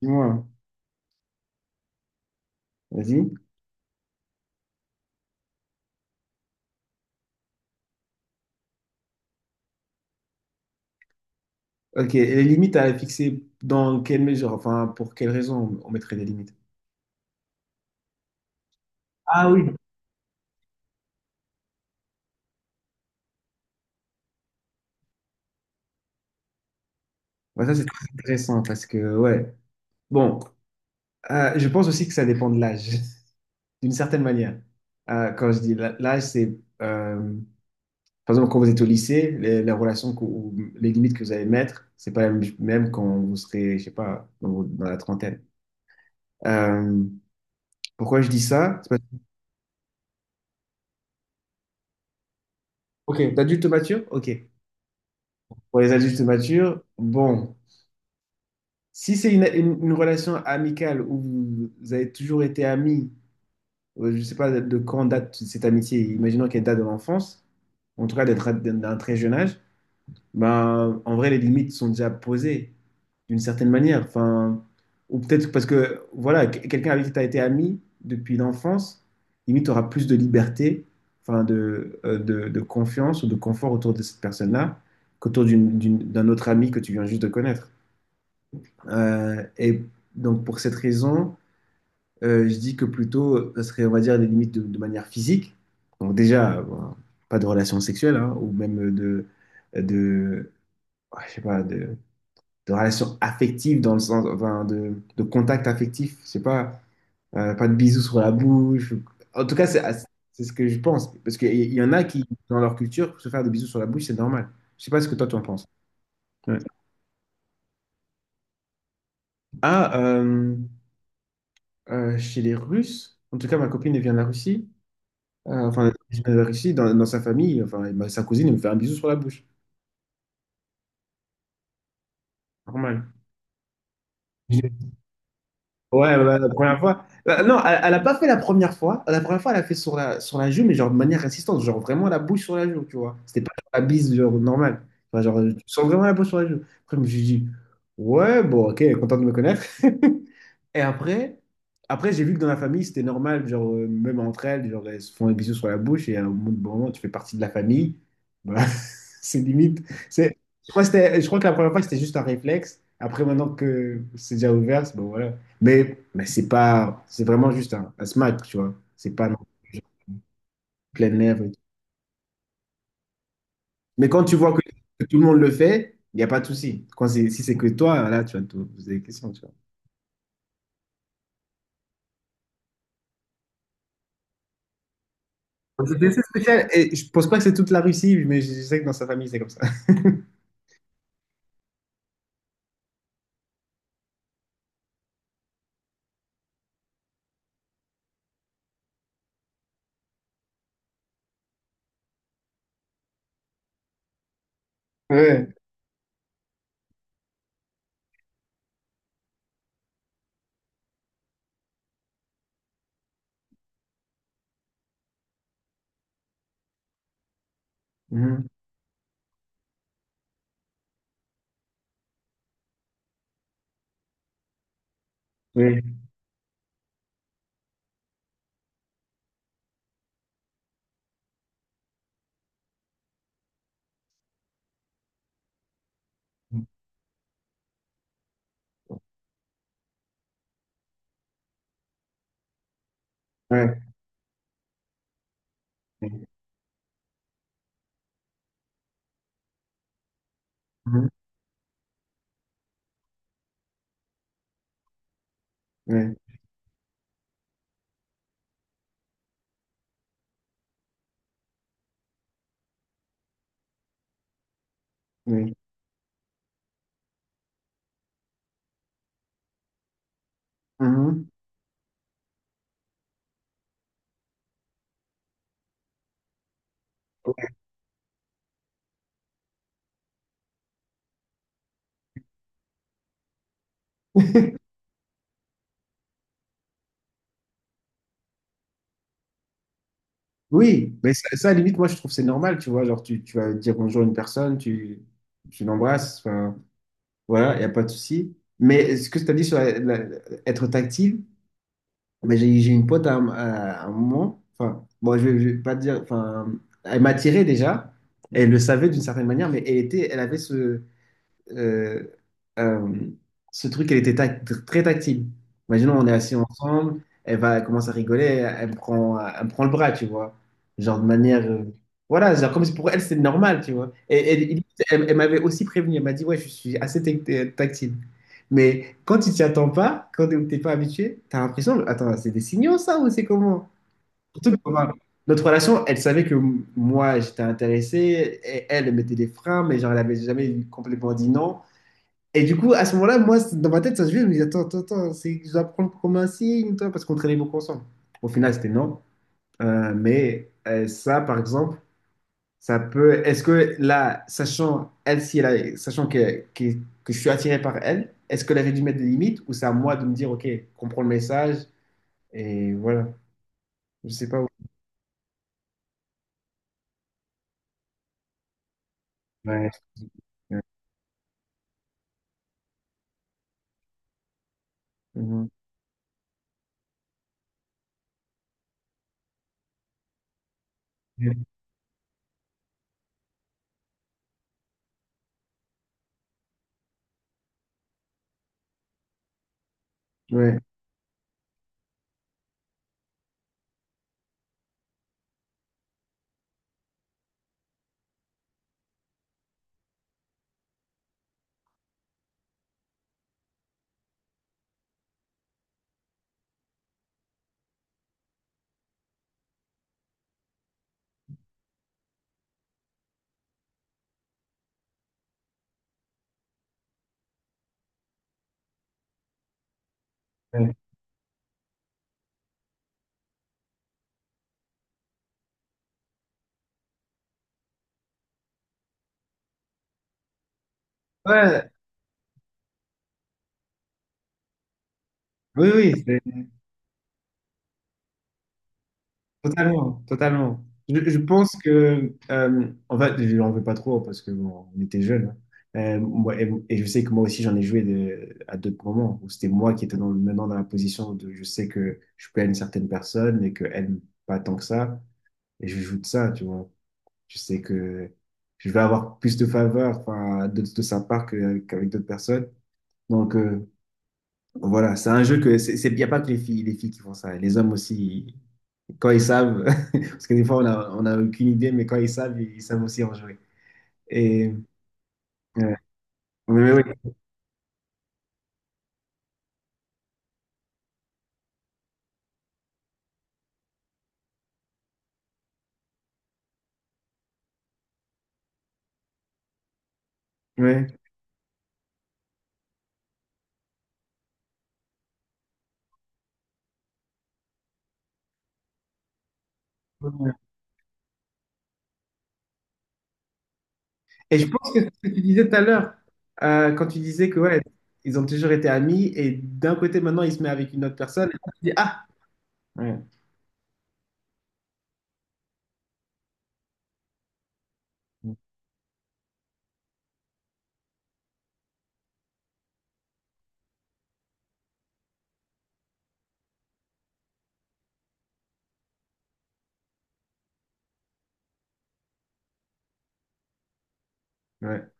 Dis-moi, vas-y. Ok, et les limites à fixer dans quelle mesure, enfin, pour quelles raisons on mettrait des limites? Ah oui. Ouais, ça, c'est très intéressant parce que, ouais. Bon, je pense aussi que ça dépend de l'âge, d'une certaine manière. Quand je dis l'âge, c'est, euh, par exemple, quand vous êtes au lycée, les relations ou les limites que vous allez mettre, c'est pas la même, même quand vous serez, je sais pas, dans, dans la trentaine. Euh, Pourquoi je dis ça? C'est Ok, d'adulte mature? Ok. Pour les adultes matures, bon. Si c'est une relation amicale où vous, vous avez toujours été amis, je ne sais pas de quand date cette amitié, imaginons qu'elle date de l'enfance, en tout cas d'être d'un très jeune âge, ben, en vrai, les limites sont déjà posées d'une certaine manière. Enfin, ou peut-être parce que, voilà, quelqu'un avec qui tu as été ami depuis l'enfance, limite, tu auras plus de liberté, enfin, de, de confiance ou de confort autour de cette personne-là qu'autour d'un autre ami que tu viens juste de connaître. Et donc, pour cette raison, je dis que plutôt, ce serait, on va dire, des limites de manière physique. Donc, déjà, bon, pas de relations sexuelles, hein, ou même de, ouais, je sais pas, de relations affectives dans le sens, enfin, de contact affectif. Je sais pas, pas de bisous sur la bouche. En tout cas, c'est ce que je pense. Parce qu'il y en a qui, dans leur culture, se faire des bisous sur la bouche, c'est normal. Je sais pas ce que toi, tu en penses. Ouais. Ah, chez les Russes, en tout cas, ma copine elle vient de la Russie. Enfin, originaire ici, dans, dans sa famille, enfin, sa cousine, elle me fait un bisou sur la bouche. Normal. J'ai- Ouais, ouais, la première fois. Non, elle, elle a pas fait la première fois. La première fois, elle a fait sur la joue, mais genre de manière insistante, genre vraiment la bouche sur la joue, tu vois. C'était pas genre la bise, genre normale. Enfin, genre, tu sens vraiment la bouche sur la joue. Après, je me suis dit, ouais, bon, ok, elle est contente de me connaître. Et après, après j'ai vu que dans la famille, c'était normal, genre, même entre elles, genre, elles se font des bisous sur la bouche et à un moment, bon moment, tu fais partie de la famille. Voilà, c'est limite. C'est, je crois je crois que la première fois, c'était juste un réflexe. Après, maintenant que c'est déjà ouvert, c'est bon, voilà. Mais c'est pas, c'est vraiment juste un smack, tu vois. C'est pas non plus genre plein air et tout. Mais quand tu vois que tout le monde le fait, il n'y a pas de souci. Quand c'est, si c'est que toi, là, tu vas te poser des questions, tu vois. Donc, c'était assez spécial. Et je pense pas que c'est toute la Russie, mais je sais que dans sa famille, c'est comme ça. Ouais. Mhm. Oui. Ouais. Mhm. Ouais. Oui. Mhm. Oui, mais ça, à la limite, moi, je trouve que c'est normal, tu vois. Genre, tu vas dire bonjour à une personne, tu l'embrasses, enfin, voilà, il n'y a pas de souci. Mais ce que tu as dit sur être tactile, mais j'ai une pote à un moment, enfin, bon, je vais pas te dire, enfin, elle m'attirait déjà, elle le savait d'une certaine manière, mais elle était, elle avait ce, euh, euh, ce truc, elle était très tactile. Imaginons, on est assis ensemble, elle va commencer à rigoler, elle me prend le bras, tu vois. Genre de manière. Voilà, genre comme si pour elle, c'est normal, tu vois. Et, elle, elle m'avait aussi prévenu, elle m'a dit, ouais, je suis assez tactile. Mais quand tu t'y attends pas, quand t'es pas habitué, t'as l'impression, attends, c'est des signaux ça ou c'est comment? Surtout que, enfin, notre relation, elle savait que moi j'étais intéressé, et elle mettait des freins, mais genre elle avait jamais complètement dit non. Et du coup, à ce moment-là, moi, dans ma tête, ça se vient, je me dis, attends, attends, attends, c'est, je dois prendre comme un signe, toi, parce qu'on traînait beaucoup ensemble. Au final, c'était non. Mais ça, par exemple, ça peut. Est-ce que là, sachant elle, si sachant que je suis attiré par elle, est-ce qu'elle avait dû mettre des limites ou c'est à moi de me dire, OK, comprends le message et voilà. Je sais pas où. Ouais. Ouais. Mhm. Ouais. Ouais. Ouais. Oui, oui, totalement, totalement. Je pense que, en fait, je n'en veux pas trop parce que bon, on était jeunes. Hein. Et je sais que moi aussi, j'en ai joué à d'autres moments où c'était moi qui étais dans, maintenant dans la position de je sais que je peux une certaine personne et qu'elle aime pas tant que ça. Et je joue de ça, tu vois. Je sais que je vais avoir plus de faveurs enfin, de sa part qu'avec d'autres personnes. Donc voilà, c'est un jeu que c'est, il n'y a pas que les filles qui font ça. Les hommes aussi, quand ils savent, parce que des fois on a aucune idée, mais quand ils savent, ils savent aussi en jouer. Et ouais. Mais oui, ouais. Et je pense que c'est ce que tu disais tout à l'heure, quand tu disais que ouais, ils ont toujours été amis, et d'un côté maintenant il se met avec une autre personne, et là, tu dis ah, ouais, ouais.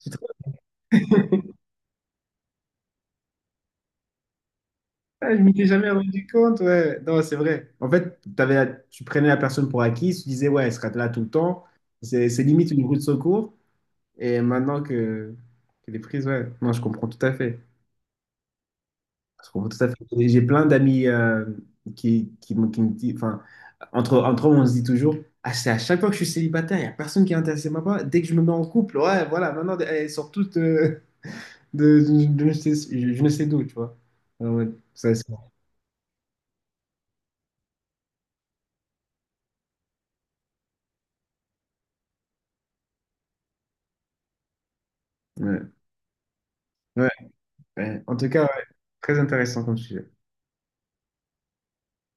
C'est trop- Ah, je m'étais jamais rendu compte, ouais. Non, c'est vrai. En fait, t'avais, tu prenais la personne pour acquis, tu disais, ouais, elle sera là tout le temps. C'est limite une roue de secours. Et maintenant que les prises, ouais. Non, je comprends tout à fait. Je comprends tout à fait. Et j'ai plein d'amis qui, qui me disent, enfin, entre, entre eux, on se dit toujours, ah, c'est à chaque fois que je suis célibataire, il n'y a personne qui est intéressé par moi. Dès que je me mets en couple, ouais, voilà, maintenant, elles sortent toutes de, je, je ne sais d'où, tu vois. Ah ouais, ça, c'est- ouais, ouais, ouais. En tout cas, ouais, très intéressant comme sujet.